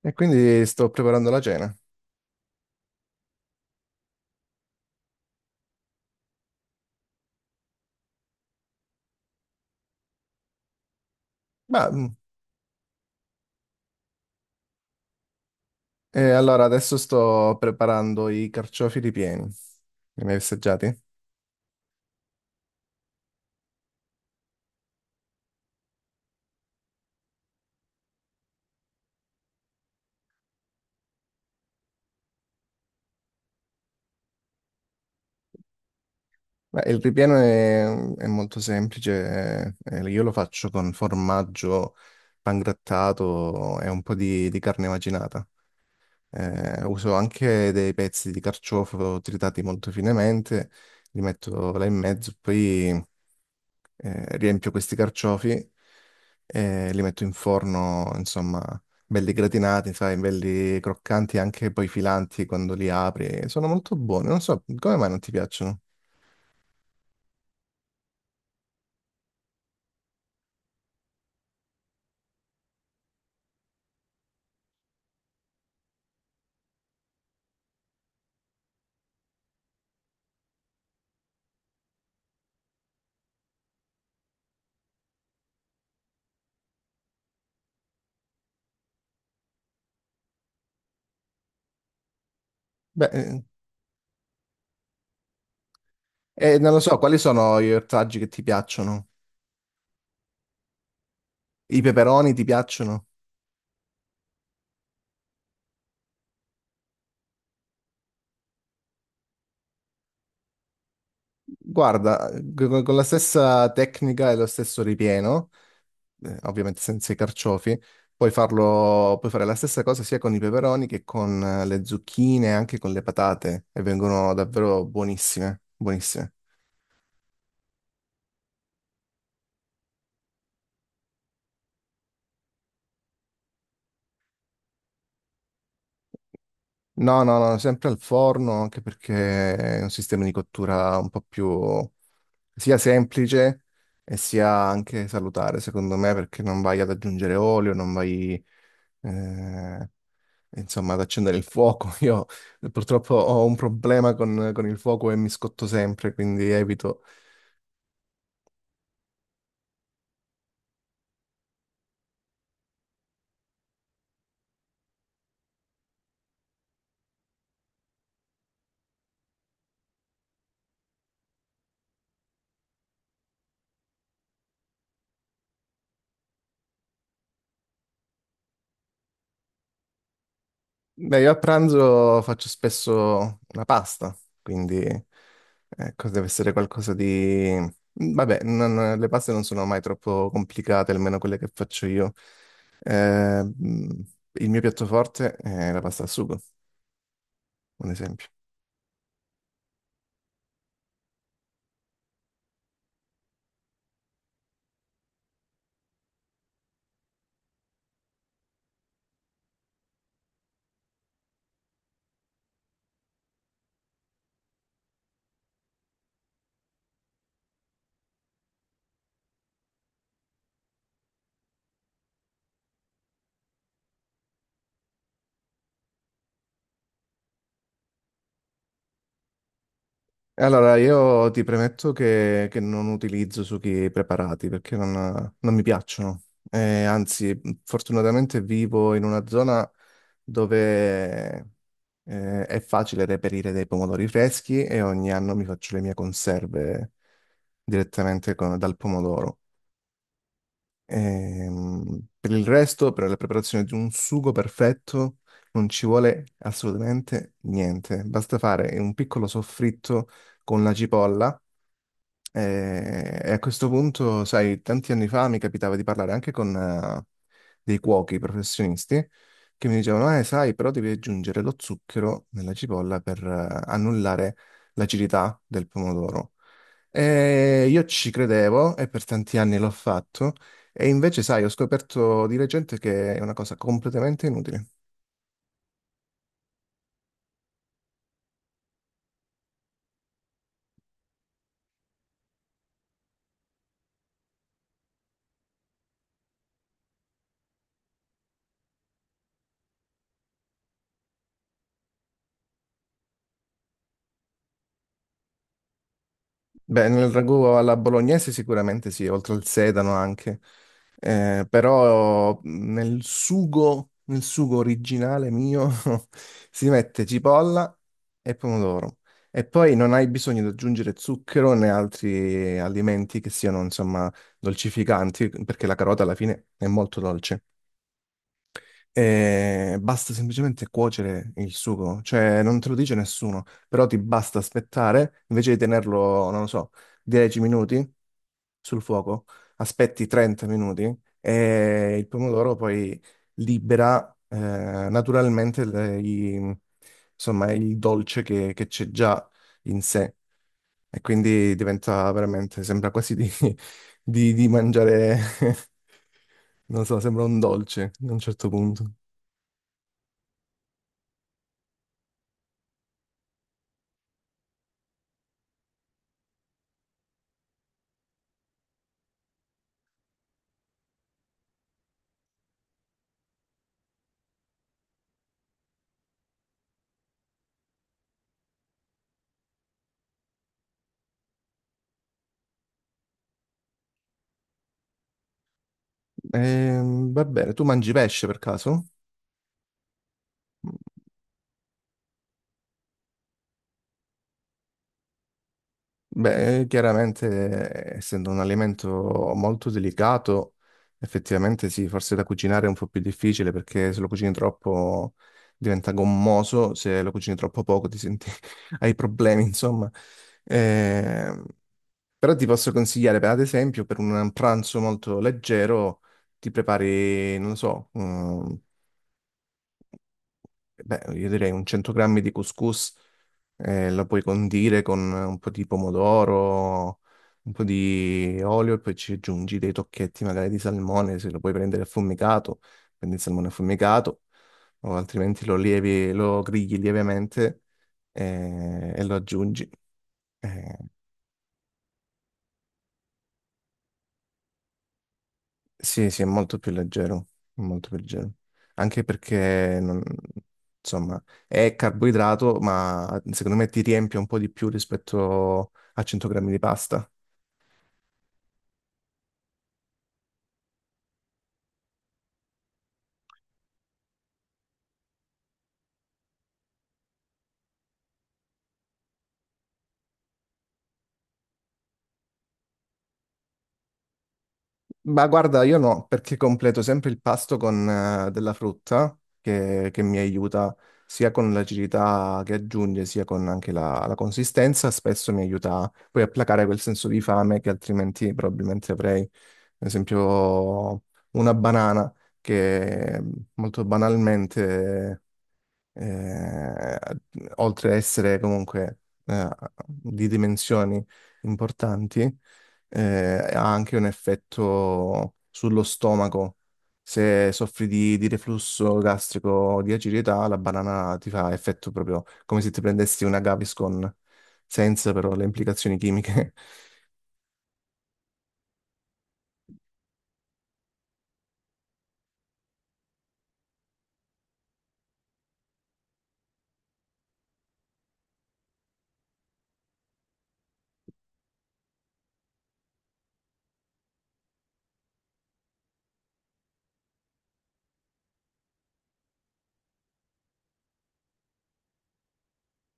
E quindi sto preparando la cena. Ma, e allora adesso sto preparando i carciofi ripieni. Li hai mai assaggiati? Beh, il ripieno è molto semplice, io lo faccio con formaggio pangrattato e un po' di carne macinata. Uso anche dei pezzi di carciofo tritati molto finemente, li metto là in mezzo, poi riempio questi carciofi e li metto in forno, insomma, belli gratinati, sai, belli croccanti, anche poi filanti quando li apri. Sono molto buoni, non so come mai non ti piacciono. Beh, non lo so, quali sono gli ortaggi che ti piacciono? I peperoni ti piacciono? Guarda, con la stessa tecnica e lo stesso ripieno. Ovviamente senza i carciofi. Puoi farlo, puoi fare la stessa cosa sia con i peperoni che con le zucchine, anche con le patate, e vengono davvero buonissime, buonissime. No, no, no, sempre al forno, anche perché è un sistema di cottura un po' più sia semplice e sia anche salutare, secondo me, perché non vai ad aggiungere olio, non vai, eh, Insomma, ad accendere il fuoco. Io purtroppo ho un problema con il fuoco e mi scotto sempre, quindi evito. Beh, io a pranzo faccio spesso una pasta, quindi ecco, deve essere qualcosa di. Vabbè, le paste non sono mai troppo complicate, almeno quelle che faccio io. Eh, mm, il mio piatto forte è la pasta al sugo, un esempio. Allora, io ti premetto che non utilizzo sughi preparati perché non mi piacciono. Anzi, fortunatamente vivo in una zona dove è facile reperire dei pomodori freschi e ogni anno mi faccio le mie conserve direttamente dal pomodoro. Per il resto, per la preparazione di un sugo perfetto, non ci vuole assolutamente niente. Basta fare un piccolo soffritto con la cipolla e a questo punto, sai, tanti anni fa mi capitava di parlare anche con dei cuochi professionisti che mi dicevano, sai, però devi aggiungere lo zucchero nella cipolla per annullare l'acidità del pomodoro. E io ci credevo e per tanti anni l'ho fatto, e invece, sai, ho scoperto di recente che è una cosa completamente inutile. Beh, nel ragù alla bolognese sicuramente sì, oltre al sedano anche. Però nel sugo originale mio si mette cipolla e pomodoro e poi non hai bisogno di aggiungere zucchero né altri alimenti che siano insomma dolcificanti perché la carota alla fine è molto dolce e basta semplicemente cuocere il sugo, cioè non te lo dice nessuno, però ti basta aspettare, invece di tenerlo, non lo so, 10 minuti sul fuoco, aspetti 30 minuti e il pomodoro poi libera naturalmente insomma, il dolce che c'è già in sé e quindi diventa veramente, sembra quasi di, di mangiare, non so, sembra un dolce a un certo punto. Va bene, tu mangi pesce per caso? Beh, chiaramente, essendo un alimento molto delicato, effettivamente sì, forse da cucinare è un po' più difficile perché se lo cucini troppo diventa gommoso, se lo cucini troppo poco ti senti, hai problemi, insomma. Ehm, Però ti posso consigliare, per, ad esempio, per un pranzo molto leggero, ti prepari, non lo so, beh, io direi un 100 grammi di couscous, la puoi condire con un po' di pomodoro, un po' di olio e poi ci aggiungi dei tocchetti magari di salmone, se lo puoi prendere affumicato, prendi il salmone affumicato, o altrimenti lo lievi, lo grigli lievemente e, lo aggiungi. Eh, Sì, sì, è molto più leggero, molto più leggero. Anche perché, insomma, è carboidrato, ma secondo me ti riempie un po' di più rispetto a 100 grammi di pasta. Ma guarda, io no, perché completo sempre il pasto con della frutta che mi aiuta sia con l'acidità che aggiunge, sia con anche la consistenza. Spesso mi aiuta poi a placare quel senso di fame che altrimenti probabilmente avrei. Ad esempio, una banana che molto banalmente eh, oltre a essere comunque eh, di dimensioni importanti, eh, ha anche un effetto sullo stomaco. Se soffri di reflusso gastrico o di acidità, la banana ti fa effetto proprio come se ti prendessi una Gaviscon, senza però le implicazioni chimiche.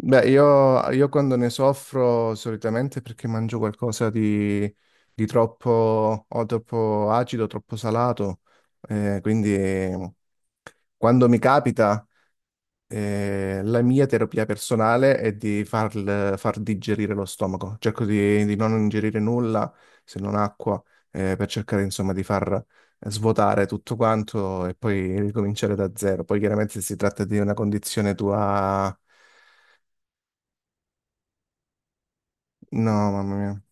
Beh, io quando ne soffro solitamente è perché mangio qualcosa di troppo, o troppo acido, troppo salato, quindi quando mi capita, la mia terapia personale è di far digerire lo stomaco, cerco di non ingerire nulla se non acqua, per cercare insomma di far svuotare tutto quanto e poi ricominciare da zero. Poi chiaramente se si tratta di una condizione tua. No, mamma mia.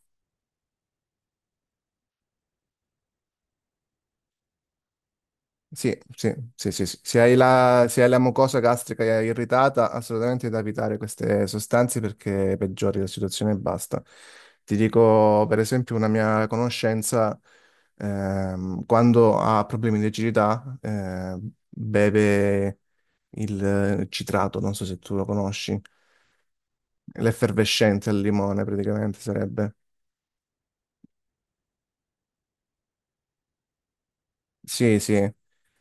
Sì, sì, sì, sì, sì. Se hai la mucosa gastrica irritata, assolutamente da evitare queste sostanze perché peggiori la situazione e basta. Ti dico, per esempio, una mia conoscenza, quando ha problemi di acidità, beve il citrato, non so se tu lo conosci, l'effervescente al limone praticamente sarebbe. Sì, sì.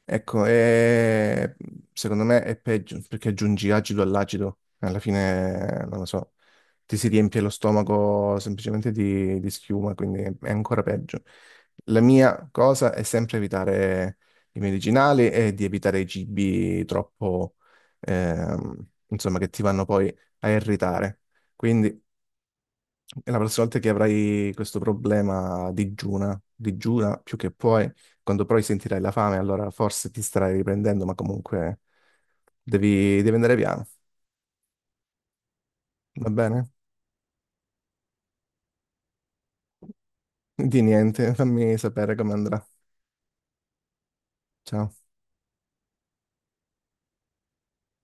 Ecco, secondo me è peggio perché aggiungi acido all'acido, alla fine, non lo so, ti si riempie lo stomaco semplicemente di schiuma, quindi è ancora peggio. La mia cosa è sempre evitare i medicinali e di evitare i cibi troppo, insomma, che ti vanno poi a irritare. Quindi, e la prossima volta che avrai questo problema digiuna, digiuna più che puoi, quando poi sentirai la fame, allora forse ti starai riprendendo, ma comunque devi andare piano, va bene? Di niente, fammi sapere come andrà. Ciao.